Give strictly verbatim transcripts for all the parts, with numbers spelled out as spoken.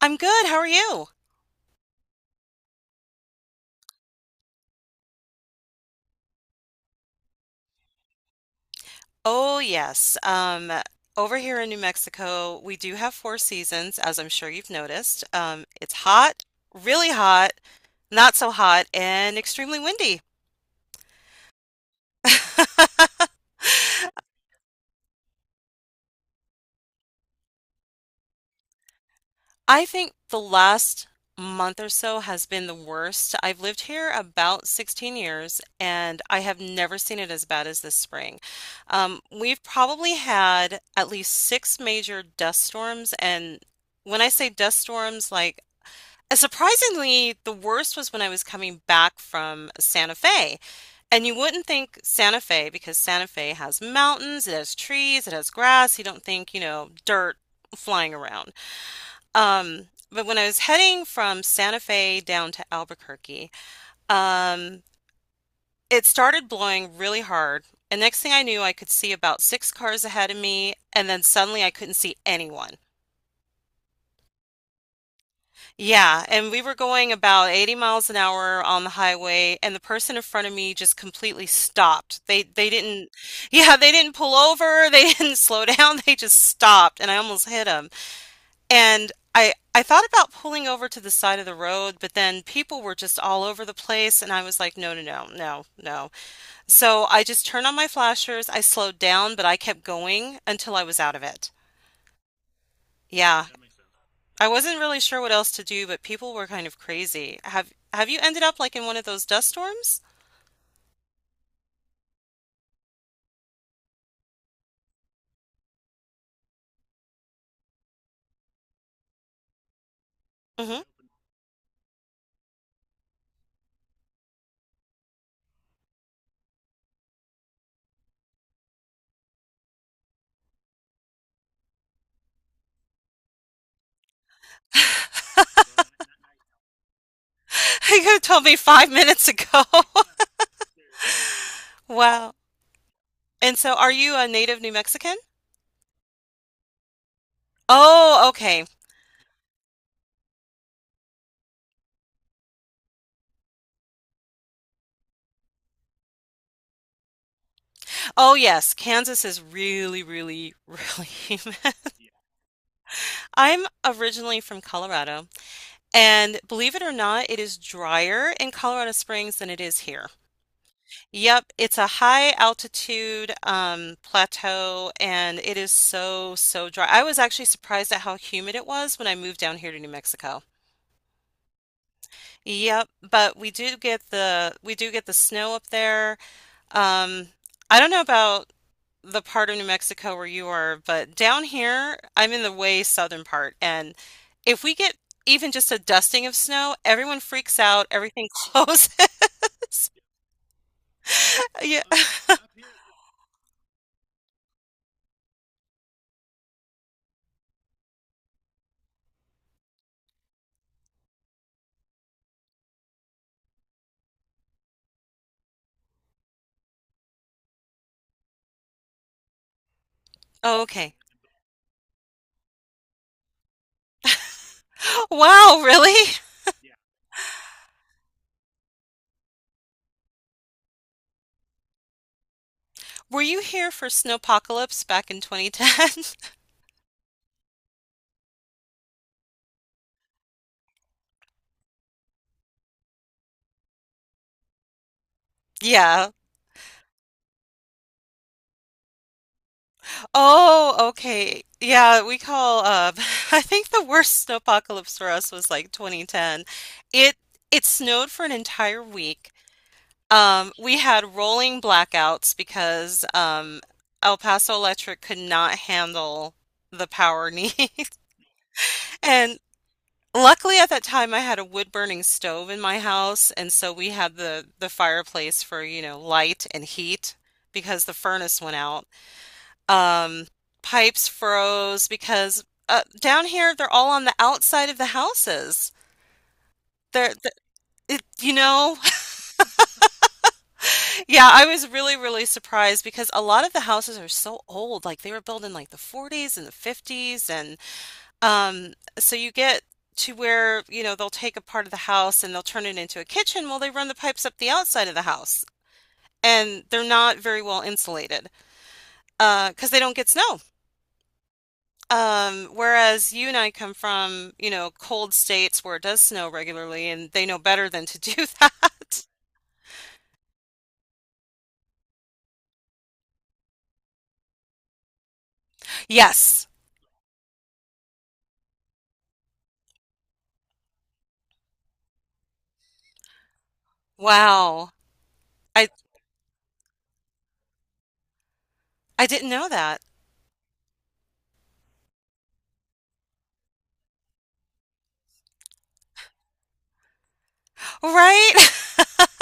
I'm good. How are you? Oh, yes. Um, over here in New Mexico, we do have four seasons, as I'm sure you've noticed. Um, it's hot, really hot, not so hot, and extremely windy. I think the last month or so has been the worst. I've lived here about sixteen years, and I have never seen it as bad as this spring. Um, we've probably had at least six major dust storms, and when I say dust storms, like surprisingly, the worst was when I was coming back from Santa Fe. And you wouldn't think Santa Fe, because Santa Fe has mountains, it has trees, it has grass. You don't think, you know, dirt flying around. Um, but when I was heading from Santa Fe down to Albuquerque, um, it started blowing really hard. And next thing I knew, I could see about six cars ahead of me, and then suddenly I couldn't see anyone. Yeah, and we were going about eighty miles an hour on the highway, and the person in front of me just completely stopped. They they didn't, yeah, they didn't pull over, they didn't slow down, they just stopped, and I almost hit them. And I I thought about pulling over to the side of the road, but then people were just all over the place, and I was like, no, no, no, no, no. So I just turned on my flashers, I slowed down, but I kept going until I was out of it. Yeah, I wasn't really sure what else to do, but people were kind of crazy. Have have you ended up like in one of those dust storms? Hmm. You told me five minutes ago. Wow. And so are you a native New Mexican? Oh, okay. Oh, yes. Kansas is really, really, really. I'm originally from Colorado, and believe it or not, it is drier in Colorado Springs than it is here. Yep, it's a high altitude um, plateau, and it is so, so dry. I was actually surprised at how humid it was when I moved down here to New Mexico. Yep, but we do get the we do get the snow up there. Um, I don't know about the part of New Mexico where you are, but down here, I'm in the way southern part, and if we get even just a dusting of snow, everyone freaks out, everything closes. Yeah. Oh, okay. Wow, really? Were you here for Snowpocalypse back in twenty ten? Yeah. Oh, okay. Yeah, we call uh I think the worst snowpocalypse for us was like twenty ten. It it snowed for an entire week. Um we had rolling blackouts because um El Paso Electric could not handle the power needs. And luckily, at that time, I had a wood burning stove in my house, and so we had the the fireplace for, you know, light and heat, because the furnace went out. Um, Pipes froze because uh, down here they're all on the outside of the houses. They're, th- it, you know, yeah, I was really, really surprised because a lot of the houses are so old. Like they were built in like the forties and the fifties, and Um, so you get to where, you know, they'll take a part of the house and they'll turn it into a kitchen. Well, they run the pipes up the outside of the house, and they're not very well insulated, uh, because they don't get snow. Um, whereas you and I come from, you know, cold states where it does snow regularly and they know better than to do that. Yes. Wow. I I didn't know that. Right?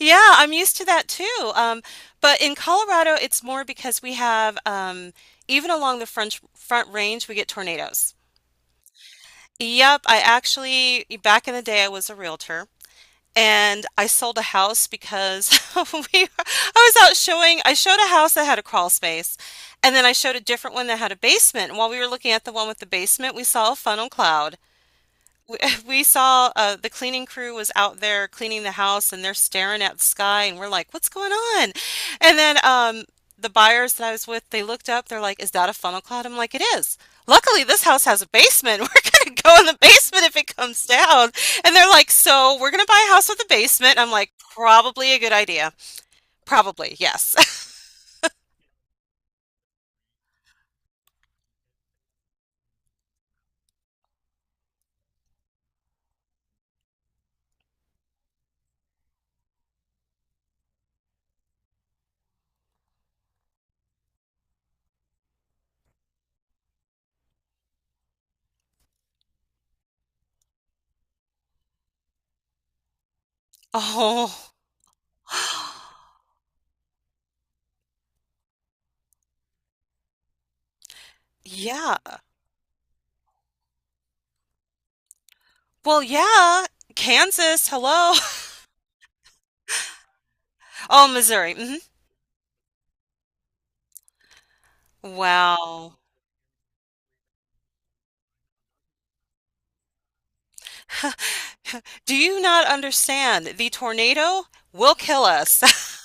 Yeah, I'm used to that too. Um, but in Colorado, it's more because we have um, even along the front front range, we get tornadoes. Yep, I actually back in the day I was a realtor, and I sold a house because we I was out showing I showed a house that had a crawl space, and then I showed a different one that had a basement. And while we were looking at the one with the basement, we saw a funnel cloud. We we saw uh, the cleaning crew was out there cleaning the house, and they're staring at the sky, and we're like, what's going on? And then um, the buyers that I was with, they looked up, they're like, is that a funnel cloud? I'm like, it is. Luckily, this house has a basement. We're going to go in the basement if it comes down. And they're like, so we're going to buy a house with a basement. I'm like, probably a good idea. Probably, yes. Oh, yeah. Well, yeah. Kansas, hello. Oh, Missouri. Hmm. Wow. Do you not understand? The tornado will kill us.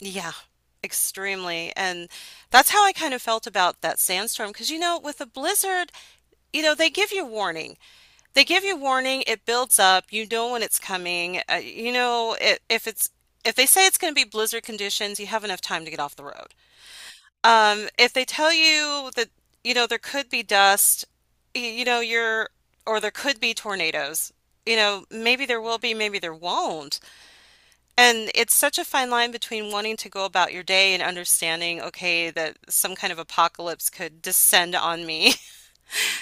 Yeah, extremely. And that's how I kind of felt about that sandstorm. Because, you know, with a blizzard, you know, they give you warning. They give you warning. It builds up. You know when it's coming. Uh, you know, I if it's, if they say it's going to be blizzard conditions, you have enough time to get off the road. Um, if they tell you that, you know, there could be dust, y- you know, you're, or there could be tornadoes, you know, maybe there will be, maybe there won't. And it's such a fine line between wanting to go about your day and understanding, okay, that some kind of apocalypse could descend on me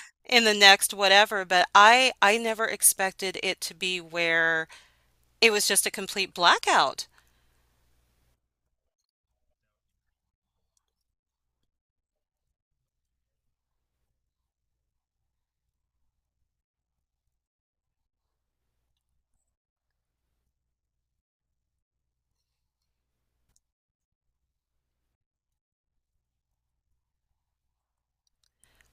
in the next whatever, but I I never expected it to be where it was just a complete blackout.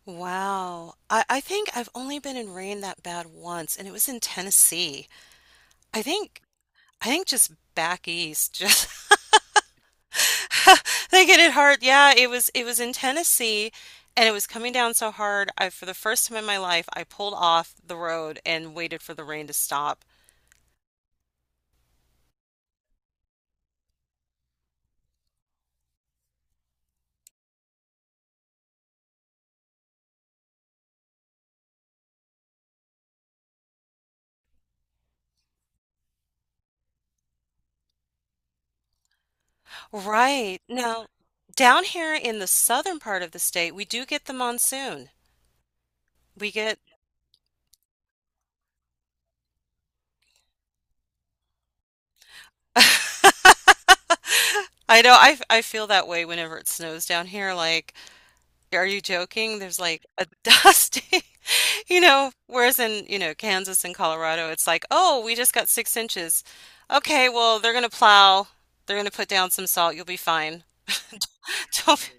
Wow. I, I think I've only been in rain that bad once, and it was in Tennessee. I think I think just back east, just they get it hard. Yeah, it was it was in Tennessee, and it was coming down so hard. I For the first time in my life, I pulled off the road and waited for the rain to stop. Right. Now, down here in the southern part of the state, we do get the monsoon. We get. I know, I I feel that way whenever it snows down here. Like, are you joking? There's like a dusting. You know, whereas in, you know, Kansas and Colorado, it's like, oh, we just got six inches. Okay, well, they're going to plow. They're going to put down some salt. You'll be fine. Don't,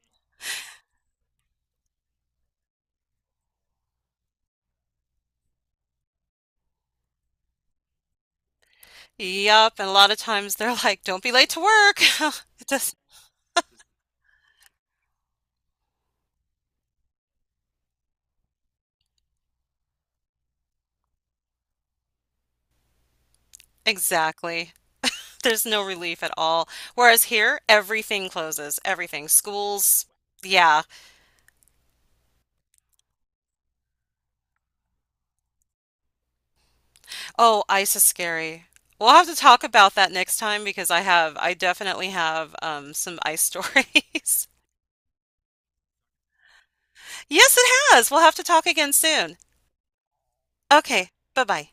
yup. And a lot of times they're like, don't be late to work. It just, exactly. There's no relief at all. Whereas here, everything closes, everything. Schools, yeah. Oh, ice is scary. We'll have to talk about that next time because I have, I definitely have um, some ice stories. Yes, it has. We'll have to talk again soon. Okay, bye bye.